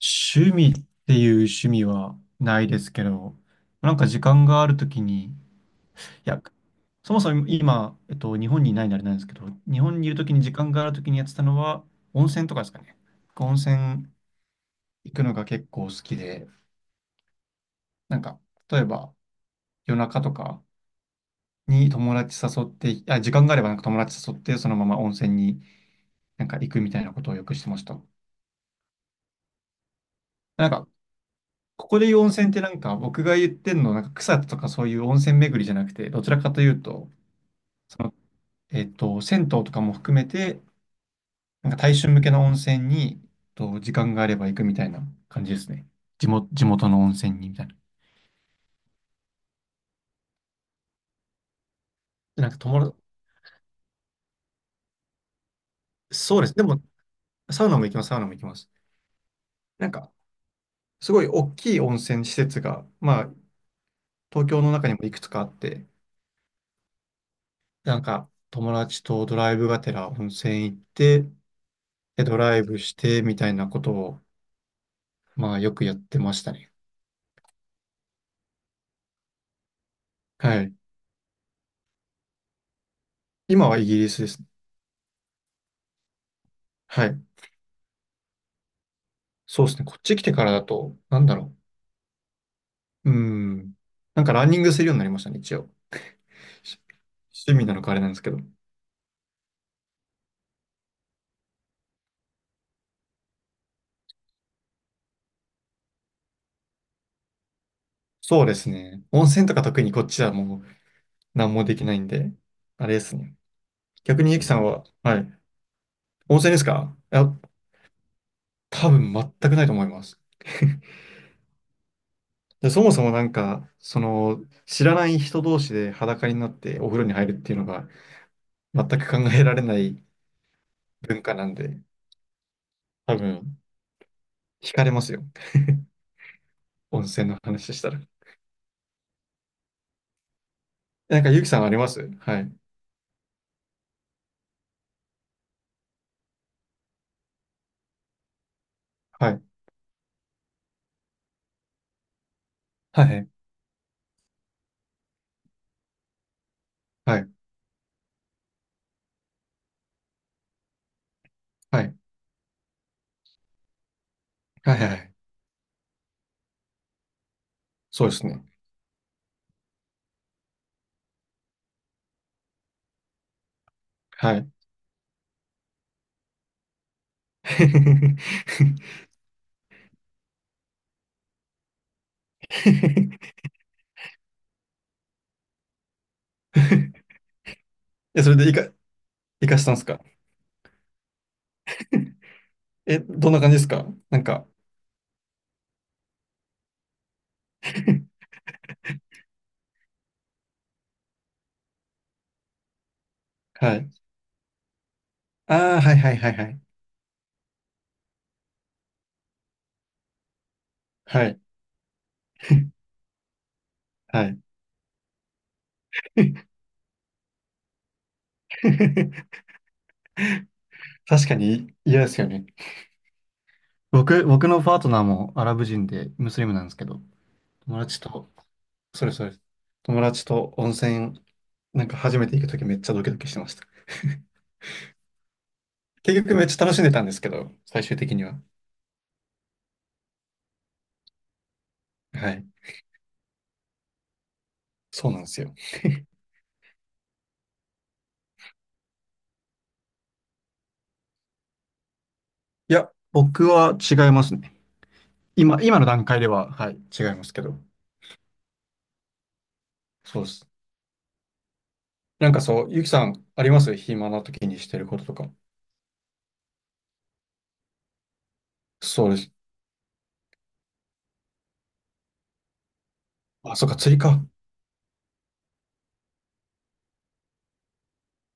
趣味っていう趣味はないですけど、なんか時間があるときに、いや、そもそも今、日本にいないんであれなんですけど、日本にいるときに時間があるときにやってたのは、温泉とかですかね。温泉行くのが結構好きで、なんか、例えば夜中とかに友達誘って、あ、時間があればなんか友達誘って、そのまま温泉になんか行くみたいなことをよくしてました。なんか、ここで言う温泉ってなんか僕が言ってんの、なんか草津とかそういう温泉巡りじゃなくて、どちらかというと、その、銭湯とかも含めて、なんか大衆向けの温泉に、時間があれば行くみたいな感じですね。地元の温泉にみたいな。でなんか友達、そうです。でも、サウナも行きます、サウナも行きます。なんか、すごい大きい温泉施設が、まあ、東京の中にもいくつかあって、なんか、友達とドライブがてら温泉行って、で、ドライブしてみたいなことを、まあ、よくやってましたね。はい。今はイギリスですね。はい。そうですね。こっち来てからだと、なんだろう。うん。なんかランニングするようになりましたね、一応。し趣味なのかあれなんですけど。そうですね。温泉とか特にこっちはもう何もできないんで、あれですね。逆にゆきさんは、はい。温泉ですかいや、多分全くないと思います。で、そもそもなんか、その、知らない人同士で裸になってお風呂に入るっていうのが全く考えられない文化なんで、多分、惹かれますよ。温泉の話したら。なんか、ゆきさんありますはい。はい。はい。はい。はい。はいはいはい。そうですね。はい。え、それでいか、いかしたんですか？え、どんな感じですかなんか、はい。ああ、はいはいはいはい。はい。はい。確かに嫌ですよね。僕のパートナーもアラブ人でムスリムなんですけど、友達と、それそれ。友達と温泉、なんか初めて行くときめっちゃドキドキしてました。結局めっちゃ楽しんでたんですけど、最終的には。はい。そうなんですよ。いや、僕は違いますね。今の段階では、はい、違いますけど。そうです。なんかそう、ゆきさん、あります暇な時にしてることとか。そうです。あ、そっか、釣りか。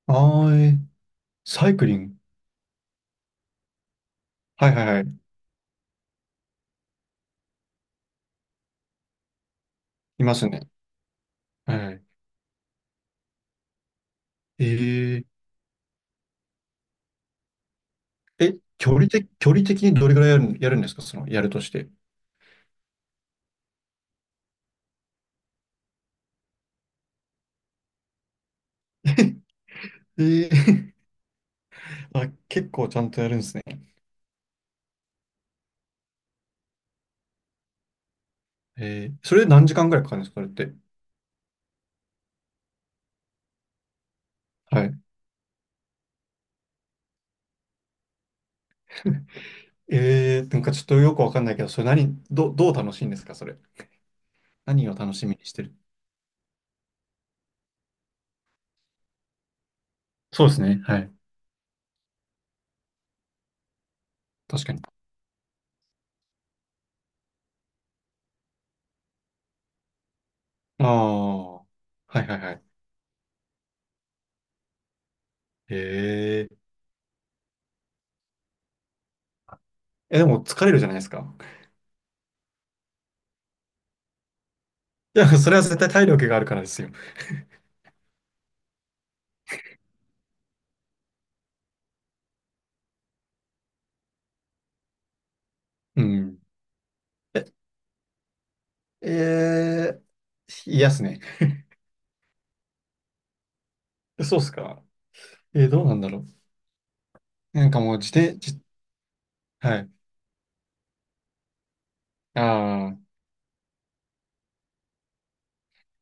あー、えーサイクリング。はいはいはい。いますね。はいえー、え、距離的にどれぐらいやる、やるんですかその、やるとして。えー、あ、結構ちゃんとやるんですね。えー、それで何時間ぐらいかかるんですかそれって。はい。えー、なんかちょっとよくわかんないけど、それ何、ど、どう楽しいんですかそれ。何を楽しみにしてるそうですね。はい。確かに。ああ、はいはいはい。ええ。え、でも疲れるじゃないですか。いや、それは絶対体力があるからですよ。うん。え、えー、嫌っすね。そうっすか。えー、どうなんだろう。なんかもう自転、じ、はい。ああ、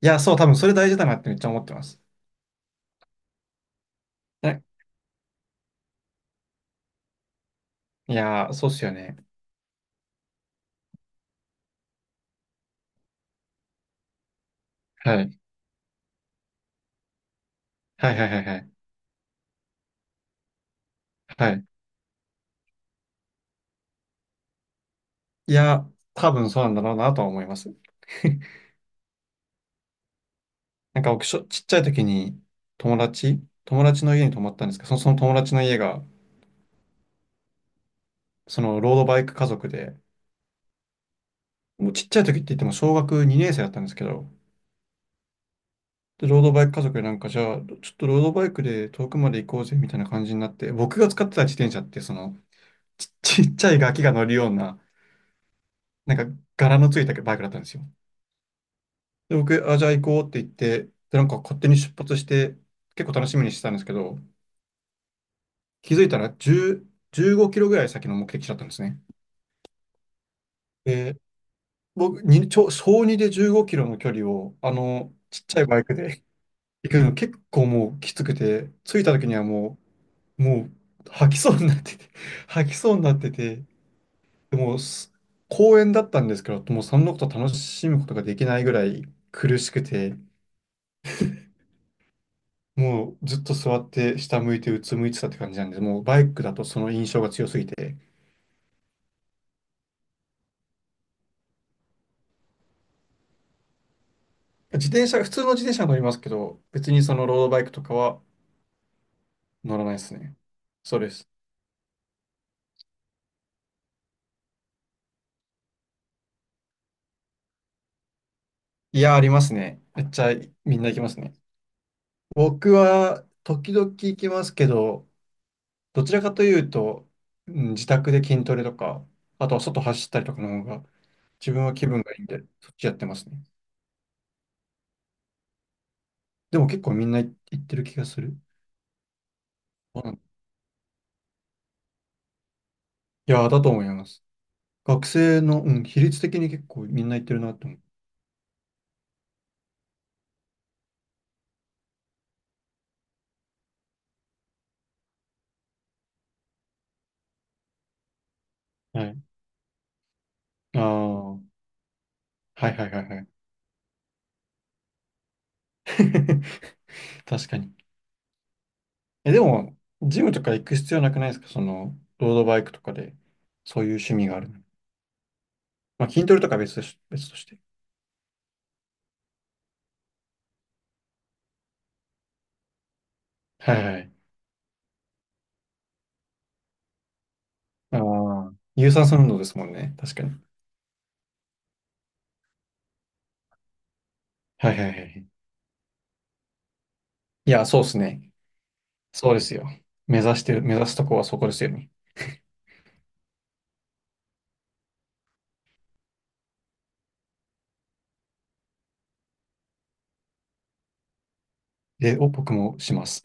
いや、そう、多分それ大事だなってめっちゃ思ってます。え、いやー、そうっすよね。はい。はいはいはいはい。はい。いや、多分そうなんだろうなとは思います。なんか僕、しょちっちゃい時に友達、友達の家に泊まったんですけど、その、その友達の家が、そのロードバイク家族で、もうちっちゃい時って言っても小学2年生だったんですけど、で、ロードバイク家族でなんか、じゃあ、ちょっとロードバイクで遠くまで行こうぜみたいな感じになって、僕が使ってた自転車って、その、ち、ちっちゃいガキが乗るような、なんか柄のついたバイクだったんですよ。で、僕、あ、じゃあ行こうって言って、で、なんか勝手に出発して、結構楽しみにしてたんですけど、気づいたら10、15キロぐらい先の目的地だったんですね。で僕、に、ちょ、小2で15キロの距離を、ちっちゃいバイクで 行くの結構もうきつくて、着いた時にはもう、もう吐きそうになってて、吐きそうになってて、でもす公園だったんですけど、もうそのこと楽しむことができないぐらい苦しくて、もうずっと座って下向いてうつむいてたって感じなんです、もうバイクだとその印象が強すぎて、自転車、普通の自転車は乗りますけど、別にそのロードバイクとかは乗らないですね。そうです。いや、ありますね。めっちゃみんな行きますね。僕は時々行きますけど、どちらかというと、うん自宅で筋トレとか、あとは外走ったりとかの方が、自分は気分がいいんで、そっちやってますね。でも結構みんな行ってる気がする。うんいや、だと思います。学生の、うん、比率的に結構みんな行ってるなと思う。はい。ああ、はいはいはいはい。確かに。え、でも、ジムとか行く必要なくないですかその、ロードバイクとかで、そういう趣味があるの。まあ、筋トレとかは別として。はいはい。ああ、有酸素運動ですもんね。確かに。はいはいはいはい。いや、そうですね。そうですよ。目指してる、目指すとこはそこですよね。で、お、僕もします。